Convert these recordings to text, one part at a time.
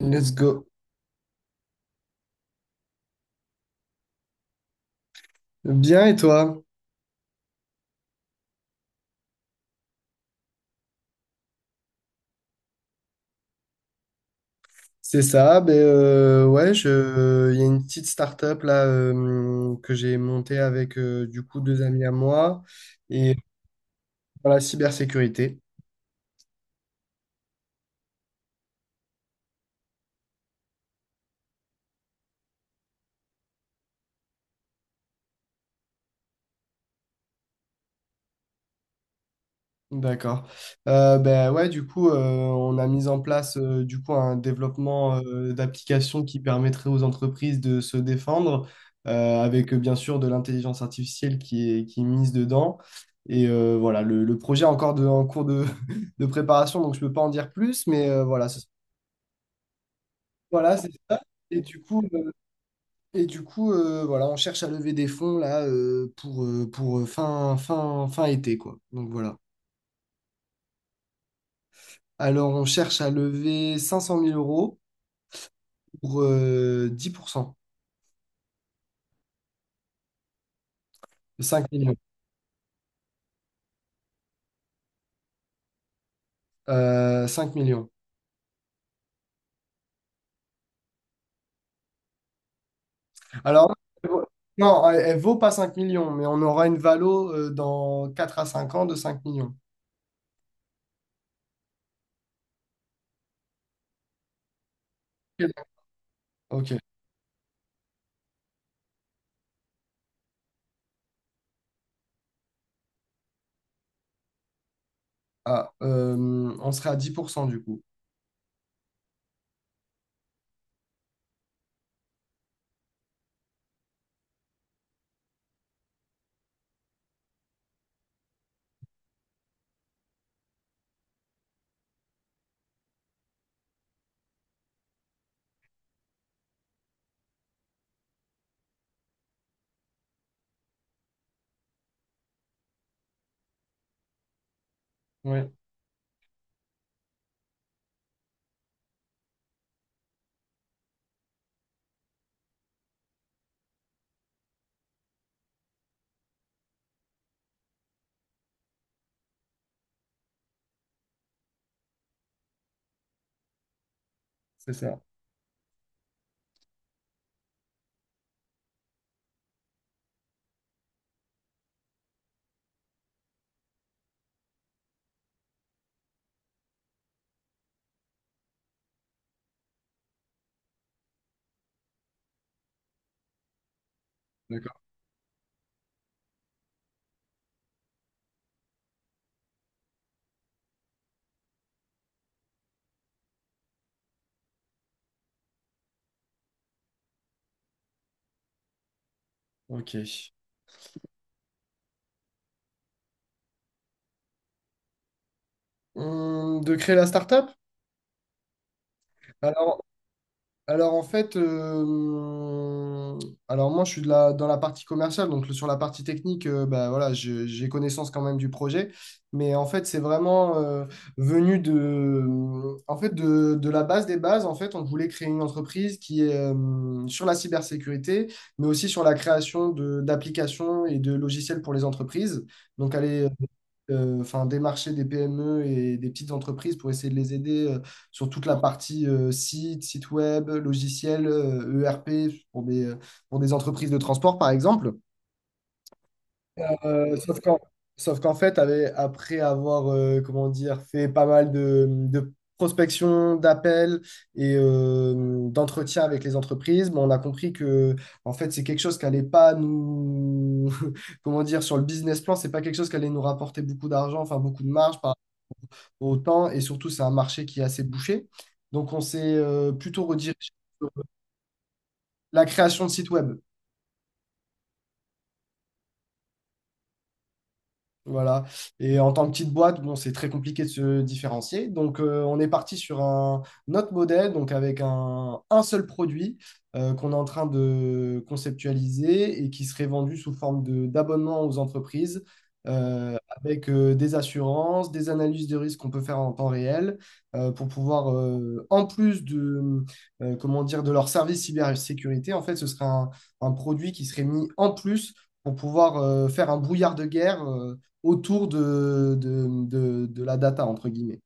Let's go. Bien et toi? C'est ça, ben, ouais, il y a une petite start-up là que j'ai montée avec du coup deux amis à moi et euh, pour la cybersécurité. D'accord. Ben ouais, du coup, on a mis en place du coup un développement d'applications qui permettrait aux entreprises de se défendre, avec bien sûr de l'intelligence artificielle qui est mise dedans. Et voilà, le projet est encore en cours de préparation, donc je peux pas en dire plus, mais voilà, voilà, c'est ça. Et du coup, voilà, on cherche à lever des fonds là pour fin été, quoi. Donc voilà. Alors, on cherche à lever 500 000 € pour 10% 5 millions. 5 millions. Alors, elle vaut- non, elle vaut pas 5 millions, mais on aura une valo dans 4 à 5 ans de 5 millions. Ok. Ok. Ah, on serait à 10% du coup. Oui, c'est ça. D'accord. Ok. De créer la startup? Alors, Alors en fait, euh, alors, moi je suis dans la partie commerciale, donc sur la partie technique, bah, voilà, j'ai connaissance quand même du projet, mais en fait c'est vraiment venu de la base des bases. En fait, on voulait créer une entreprise qui est sur la cybersécurité, mais aussi sur la création de d'applications et de logiciels pour les entreprises. Donc aller enfin, démarcher des PME et des petites entreprises pour essayer de les aider sur toute la partie site web, logiciel, ERP pour pour des entreprises de transport, par exemple. Euh, sauf qu'en, sauf qu'en fait, après avoir comment dire, fait pas mal de prospection, d'appels et d'entretiens avec les entreprises, ben, on a compris que en fait, c'est quelque chose qui n'allait pas nous, comment dire, sur le business plan, c'est pas quelque chose qui allait nous rapporter beaucoup d'argent, enfin beaucoup de marge. Par autant. Et surtout, c'est un marché qui est assez bouché. Donc, on s'est plutôt redirigé sur la création de sites web. Voilà. Et en tant que petite boîte, bon, c'est très compliqué de se différencier. Donc, on est parti sur un autre modèle, donc avec un seul produit qu'on est en train de conceptualiser et qui serait vendu sous forme d'abonnement aux entreprises euh, avec des assurances, des analyses de risque qu'on peut faire en temps réel pour pouvoir, en plus comment dire, de leur service cybersécurité, en fait, ce serait un produit qui serait mis en plus pour pouvoir faire un brouillard de guerre. Autour de la data, entre guillemets.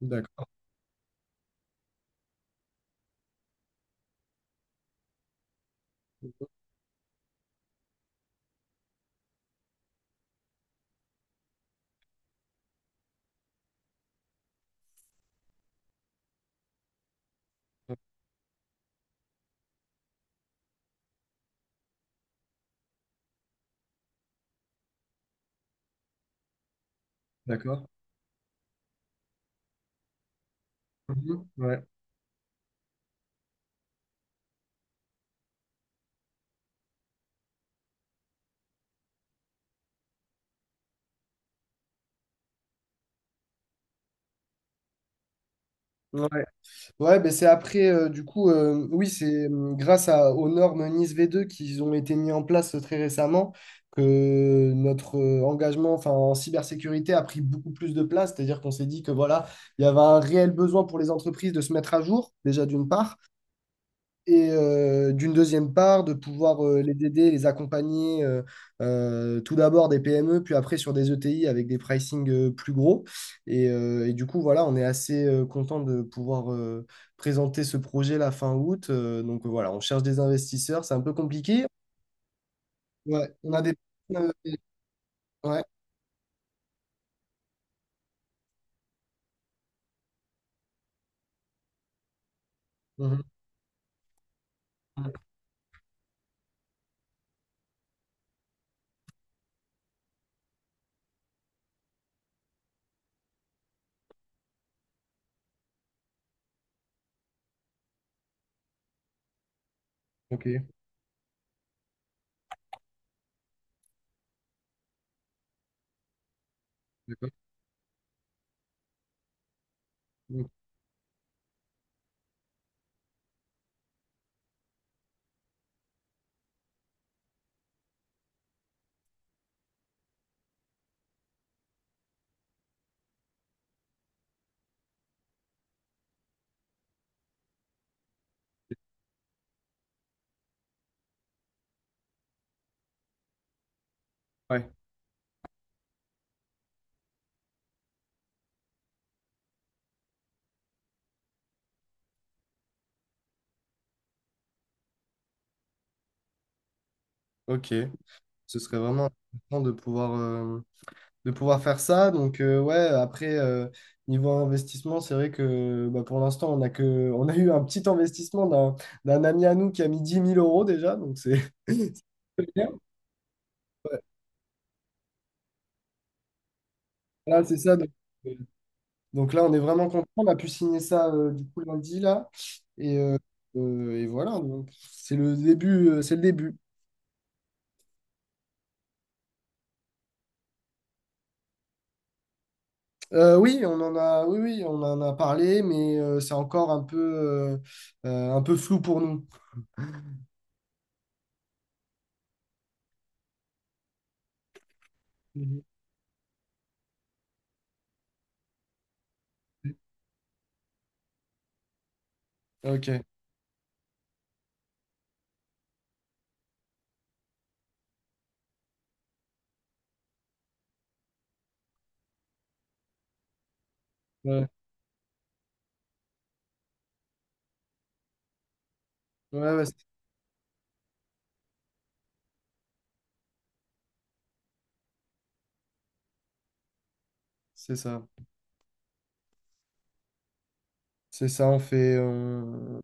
D'accord. D'accord. Mhm. Ouais. Ouais. Ouais, ben c'est après, oui, c'est grâce à, aux normes NIS V2 qui ont été mis en place très récemment que notre engagement enfin, en cybersécurité a pris beaucoup plus de place. C'est-à-dire qu'on s'est dit que voilà, il y avait un réel besoin pour les entreprises de se mettre à jour, déjà d'une part. Et d'une deuxième part, de pouvoir les aider, les accompagner tout d'abord des PME, puis après sur des ETI avec des pricing plus gros. Et du coup, voilà, on est assez content de pouvoir présenter ce projet la fin août. Donc voilà, on cherche des investisseurs, c'est un peu compliqué. Ouais, on a des... euh, ouais. Mhm. Ok, d'accord. Ouais, ok. Ce serait vraiment important de pouvoir faire ça. Donc, ouais, après, niveau investissement, c'est vrai que bah, pour l'instant, on a eu un petit investissement d'un ami à nous qui a mis 10 000 € déjà. Donc, c'est bien. Ouais. Là, c'est ça. Euh, donc là, on est vraiment content. On a pu signer ça du coup lundi, là. Et, euh, et voilà, donc c'est le début. C'est le début. Oui, on en a, oui, oui, on en a parlé, mais c'est encore un peu flou pour nous. Mhm. Ok. Ouais, ouais, ouais, c'est ça. C'est ça, on fait.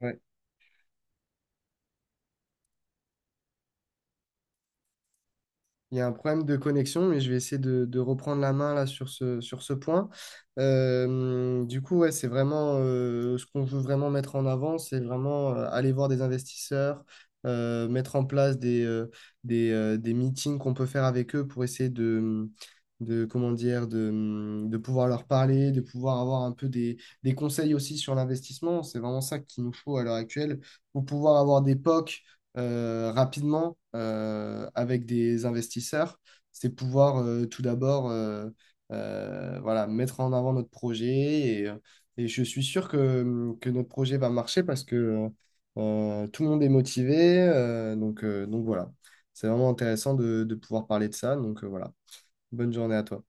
Ouais. Il y a un problème de connexion, mais je vais essayer de reprendre la main là sur sur ce point. Du coup, ouais, c'est vraiment ce qu'on veut vraiment mettre en avant, c'est vraiment aller voir des investisseurs, mettre en place des meetings qu'on peut faire avec eux pour essayer de comment dire, de pouvoir leur parler, de pouvoir avoir un peu des conseils aussi sur l'investissement. C'est vraiment ça qu'il nous faut à l'heure actuelle pour pouvoir avoir des POC rapidement avec des investisseurs, c'est pouvoir tout d'abord voilà, mettre en avant notre projet. Et, euh, et je suis sûr que, mm, que notre projet va marcher parce que tout le monde est motivé. Donc, donc voilà, c'est vraiment intéressant de pouvoir parler de ça. Donc voilà, bonne journée à toi.